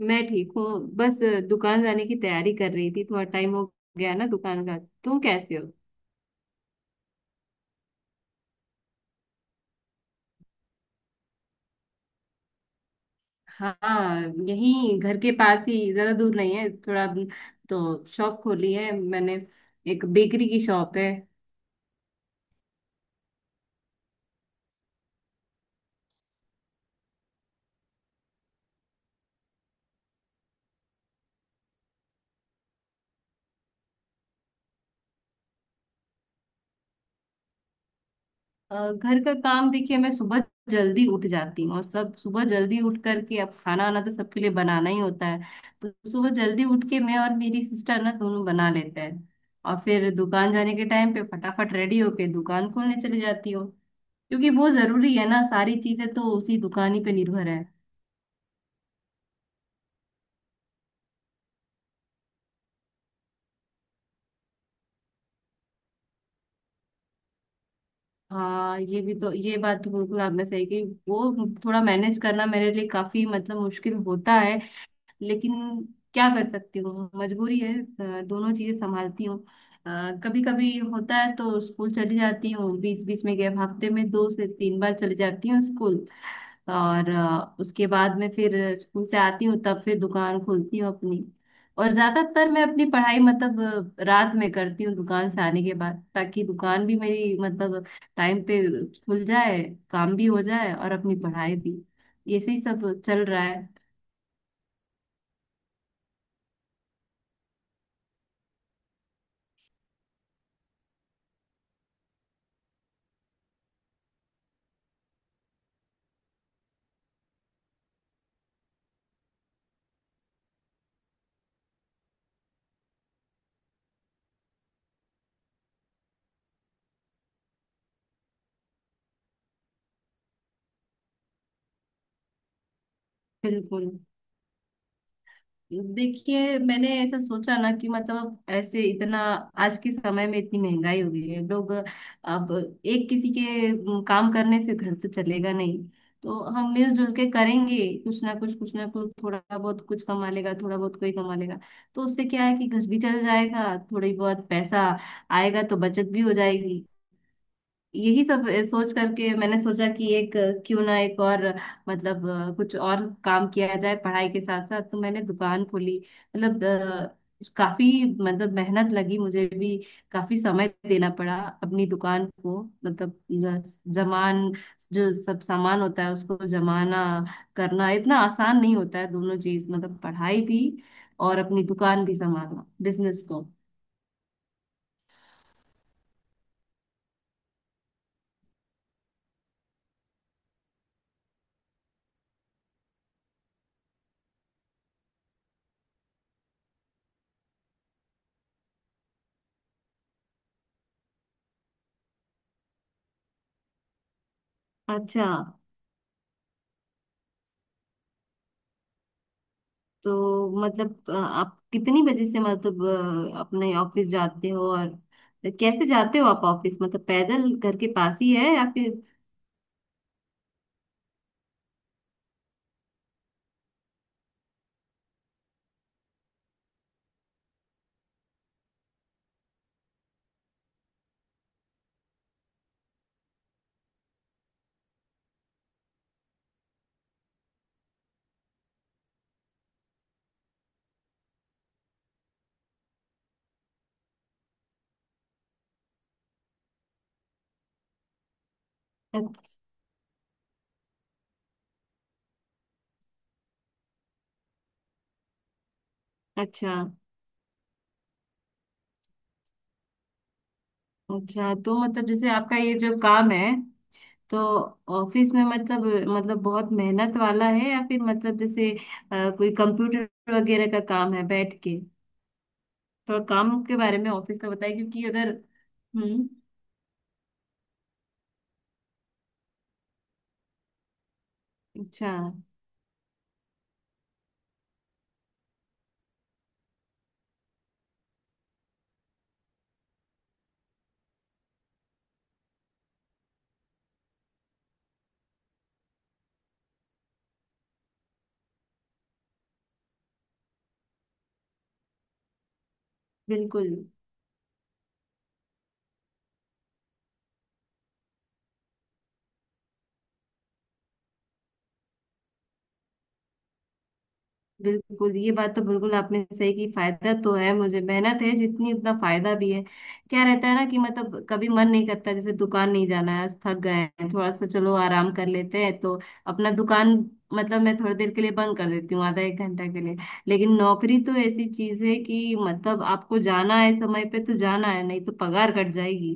मैं ठीक हूँ। बस दुकान जाने की तैयारी कर रही थी। थोड़ा टाइम हो गया ना दुकान का। तुम कैसे हो? हाँ, यही घर के पास ही, ज्यादा दूर नहीं है। थोड़ा तो शॉप खोली है मैंने। एक बेकरी की शॉप है। घर का काम देखिए, मैं सुबह जल्दी उठ जाती हूँ और सब सुबह जल्दी उठ करके अब खाना वाना तो सबके लिए बनाना ही होता है। तो सुबह जल्दी उठ के मैं और मेरी सिस्टर ना दोनों बना लेते हैं। और फिर दुकान जाने के टाइम पे फटाफट रेडी होके दुकान खोलने चली जाती हूँ। क्योंकि वो जरूरी है ना, सारी चीजें तो उसी दुकान ही पे निर्भर है। हाँ, ये भी तो, ये बात तो बिल्कुल आपने सही की। वो थोड़ा मैनेज करना मेरे लिए काफी मतलब मुश्किल होता है। लेकिन क्या कर सकती हूँ, मजबूरी है। दोनों चीजें संभालती हूँ। कभी कभी होता है तो स्कूल चली जाती हूँ, बीच बीच में गैप, हफ्ते में दो से तीन बार चली जाती हूँ स्कूल। और उसके बाद में फिर स्कूल से आती हूँ, तब फिर दुकान खोलती हूँ अपनी। और ज्यादातर मैं अपनी पढ़ाई मतलब रात में करती हूँ, दुकान से आने के बाद। ताकि दुकान भी मेरी मतलब टाइम पे खुल जाए, काम भी हो जाए और अपनी पढ़ाई भी। ऐसे ही सब चल रहा है। बिल्कुल। देखिए, मैंने ऐसा सोचा ना कि मतलब ऐसे इतना, आज के समय में इतनी महंगाई हो गई है, लोग अब एक किसी के काम करने से घर तो चलेगा नहीं। तो हम मिलजुल के करेंगे। कुछ ना कुछ, कुछ ना कुछ थोड़ा बहुत कुछ कमा लेगा, थोड़ा बहुत कोई कमा लेगा। तो उससे क्या है कि घर भी चल जाएगा, थोड़ी बहुत पैसा आएगा तो बचत भी हो जाएगी। यही सब सोच करके मैंने सोचा कि एक क्यों ना एक और मतलब कुछ और काम किया जाए पढ़ाई के साथ साथ। तो मैंने दुकान खोली। मतलब काफी मतलब मेहनत लगी मुझे भी। काफी समय देना पड़ा अपनी दुकान को। मतलब जमान जो सब सामान होता है उसको जमाना करना, इतना आसान नहीं होता है। दोनों चीज मतलब पढ़ाई भी और अपनी दुकान भी संभालना, बिजनेस को। अच्छा, तो मतलब आप कितनी बजे से मतलब अपने ऑफिस जाते हो? और कैसे जाते हो आप ऑफिस? मतलब पैदल, घर के पास ही है, या फिर? अच्छा। अच्छा। अच्छा, तो मतलब जैसे आपका ये जो काम है, तो ऑफिस में मतलब मतलब बहुत मेहनत वाला है या फिर मतलब जैसे कोई कंप्यूटर वगैरह का काम है बैठ के? थोड़ा काम के बारे में ऑफिस का बताइए, क्योंकि अगर। हम्म। अच्छा। बिल्कुल। बिल्कुल ये बात तो बिल्कुल आपने सही की। फायदा तो है, मुझे मेहनत है जितनी उतना फायदा भी है। क्या रहता है ना कि मतलब कभी मन नहीं करता, जैसे दुकान नहीं जाना है आज, थक गए हैं थोड़ा सा, चलो आराम कर लेते हैं, तो अपना दुकान मतलब मैं थोड़ी देर के लिए बंद कर देती हूँ, आधा एक घंटा के लिए। लेकिन नौकरी तो ऐसी चीज है कि मतलब आपको जाना है समय पे तो जाना है, नहीं तो पगार कट जाएगी।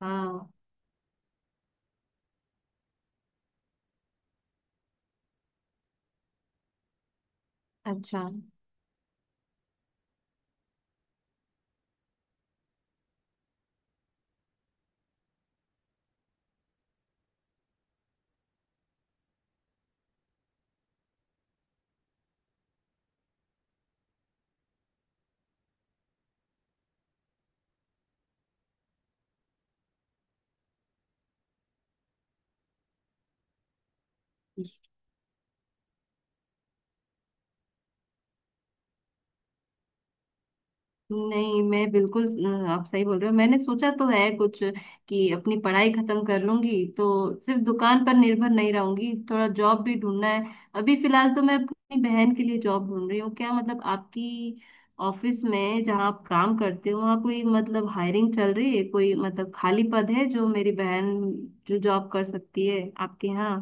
हाँ। अच्छा। नहीं, मैं बिल्कुल आप सही बोल रहे हो। मैंने सोचा तो है कुछ, कि अपनी पढ़ाई खत्म कर लूंगी तो सिर्फ दुकान पर निर्भर नहीं रहूंगी, थोड़ा जॉब भी ढूंढना है। अभी फिलहाल तो मैं अपनी बहन के लिए जॉब ढूंढ रही हूँ। क्या मतलब आपकी ऑफिस में जहाँ आप काम करते हो, वहाँ कोई मतलब हायरिंग चल रही है? कोई मतलब खाली पद है जो मेरी बहन, जो जॉब कर सकती है आपके यहाँ?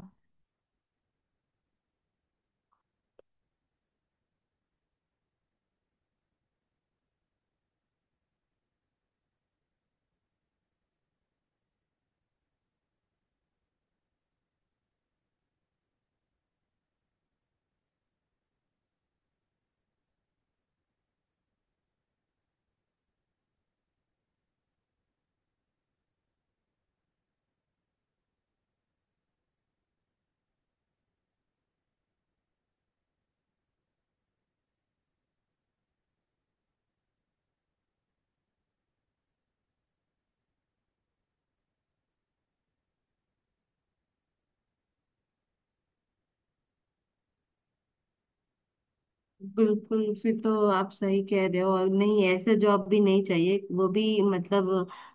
बिल्कुल, फिर तो आप सही कह रहे हो। और नहीं, ऐसे जॉब भी नहीं चाहिए वो भी। मतलब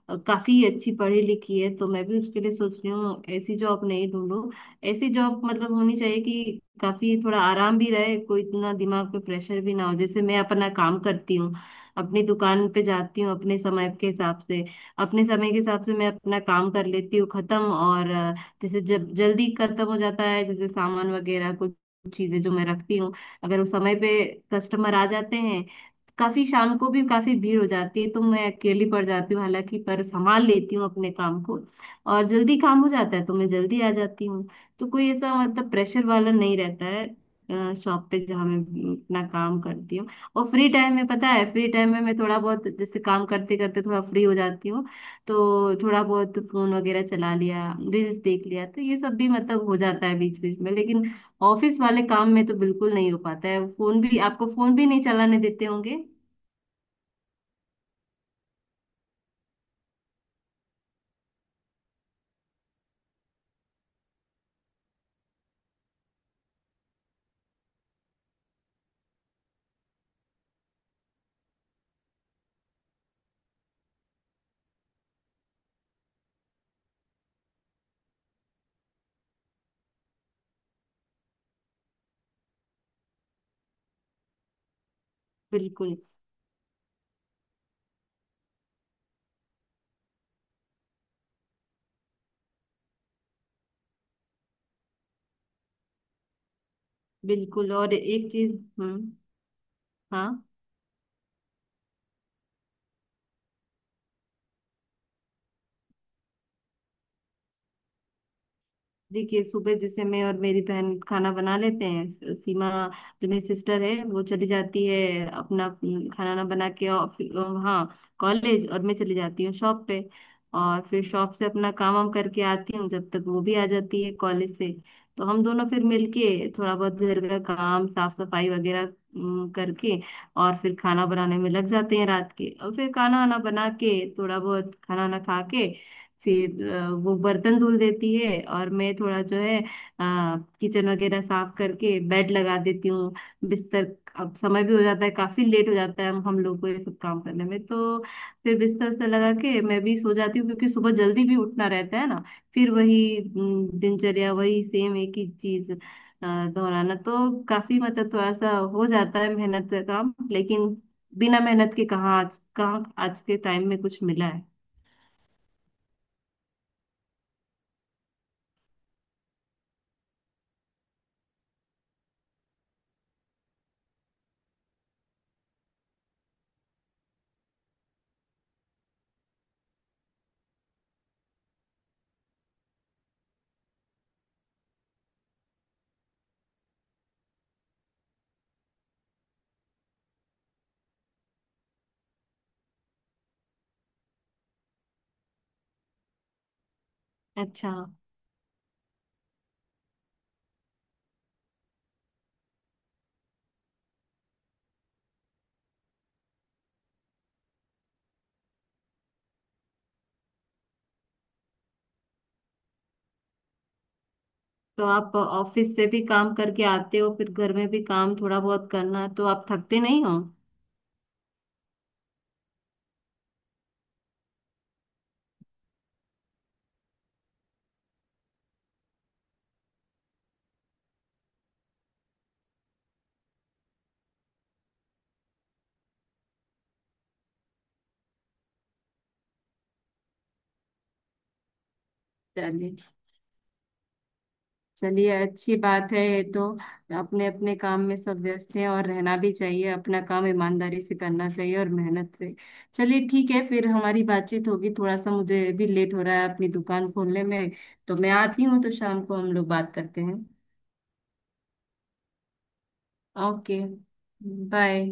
काफी अच्छी पढ़ी लिखी है, तो मैं भी उसके लिए सोच रही हूँ ऐसी जॉब नहीं ढूंढूं। ऐसी जॉब मतलब होनी चाहिए कि काफी थोड़ा आराम भी रहे, कोई इतना दिमाग पे प्रेशर भी ना हो। जैसे मैं अपना काम करती हूँ, अपनी दुकान पे जाती हूँ अपने समय के हिसाब से, अपने समय के हिसाब से मैं अपना काम कर लेती हूँ खत्म। और जैसे जब जल्दी खत्म हो जाता है, जैसे सामान वगैरह कुछ चीजें जो मैं रखती हूँ, अगर उस समय पे कस्टमर आ जाते हैं, काफी शाम को भी काफी भीड़ हो जाती है, तो मैं अकेली पड़ जाती हूँ हालांकि, पर संभाल लेती हूँ अपने काम को। और जल्दी काम हो जाता है तो मैं जल्दी आ जाती हूँ। तो कोई ऐसा मतलब प्रेशर वाला नहीं रहता है शॉप पे, जहाँ मैं अपना काम करती हूँ। और फ्री टाइम में, पता है, फ्री टाइम में मैं थोड़ा बहुत, जैसे काम करते करते थोड़ा फ्री हो जाती हूँ, तो थोड़ा बहुत फोन वगैरह चला लिया, रील्स देख लिया, तो ये सब भी मतलब हो जाता है बीच बीच में। लेकिन ऑफिस वाले काम में तो बिल्कुल नहीं हो पाता है, फोन भी, आपको फोन भी नहीं चलाने देते होंगे। बिल्कुल। बिल्कुल और एक चीज। हम्म। हाँ। देखिए, सुबह जैसे मैं और मेरी बहन खाना बना लेते हैं। सीमा जो मेरी सिस्टर है, वो चली जाती है अपना खाना ना बना के हाँ, कॉलेज। और मैं चली जाती हूँ शॉप पे। और फिर शॉप से अपना काम वाम करके आती हूँ, जब तक वो भी आ जाती है कॉलेज से। तो हम दोनों फिर मिलके थोड़ा बहुत घर का काम, साफ सफाई वगैरह करके, और फिर खाना बनाने में लग जाते हैं रात के। और फिर खाना वाना बना के, थोड़ा बहुत खाना वाना खा के, फिर वो बर्तन धुल देती है और मैं थोड़ा जो है किचन वगैरह साफ करके बेड लगा देती हूँ, बिस्तर। अब समय भी हो जाता है काफी लेट हो जाता है हम लोग को ये सब काम करने में। तो फिर बिस्तर उस्तर लगा के मैं भी सो जाती हूँ, क्योंकि सुबह जल्दी भी उठना रहता है ना। फिर वही दिनचर्या, वही सेम एक ही चीज अ, दोहराना, तो काफी मतलब थोड़ा सा हो जाता है मेहनत का काम। लेकिन बिना मेहनत के कहाँ, आज कहाँ आज के टाइम में कुछ मिला है। अच्छा, तो आप ऑफिस से भी काम करके आते हो, फिर घर में भी काम थोड़ा बहुत करना है, तो आप थकते नहीं हो? चलिए। चलिए, अच्छी बात है ये तो। अपने अपने काम में सब व्यस्त हैं, और रहना भी चाहिए, अपना काम ईमानदारी से करना चाहिए और मेहनत से। चलिए ठीक है, फिर हमारी बातचीत होगी। थोड़ा सा मुझे भी लेट हो रहा है अपनी दुकान खोलने में, तो मैं आती हूँ, तो शाम को हम लोग बात करते हैं। Okay, bye.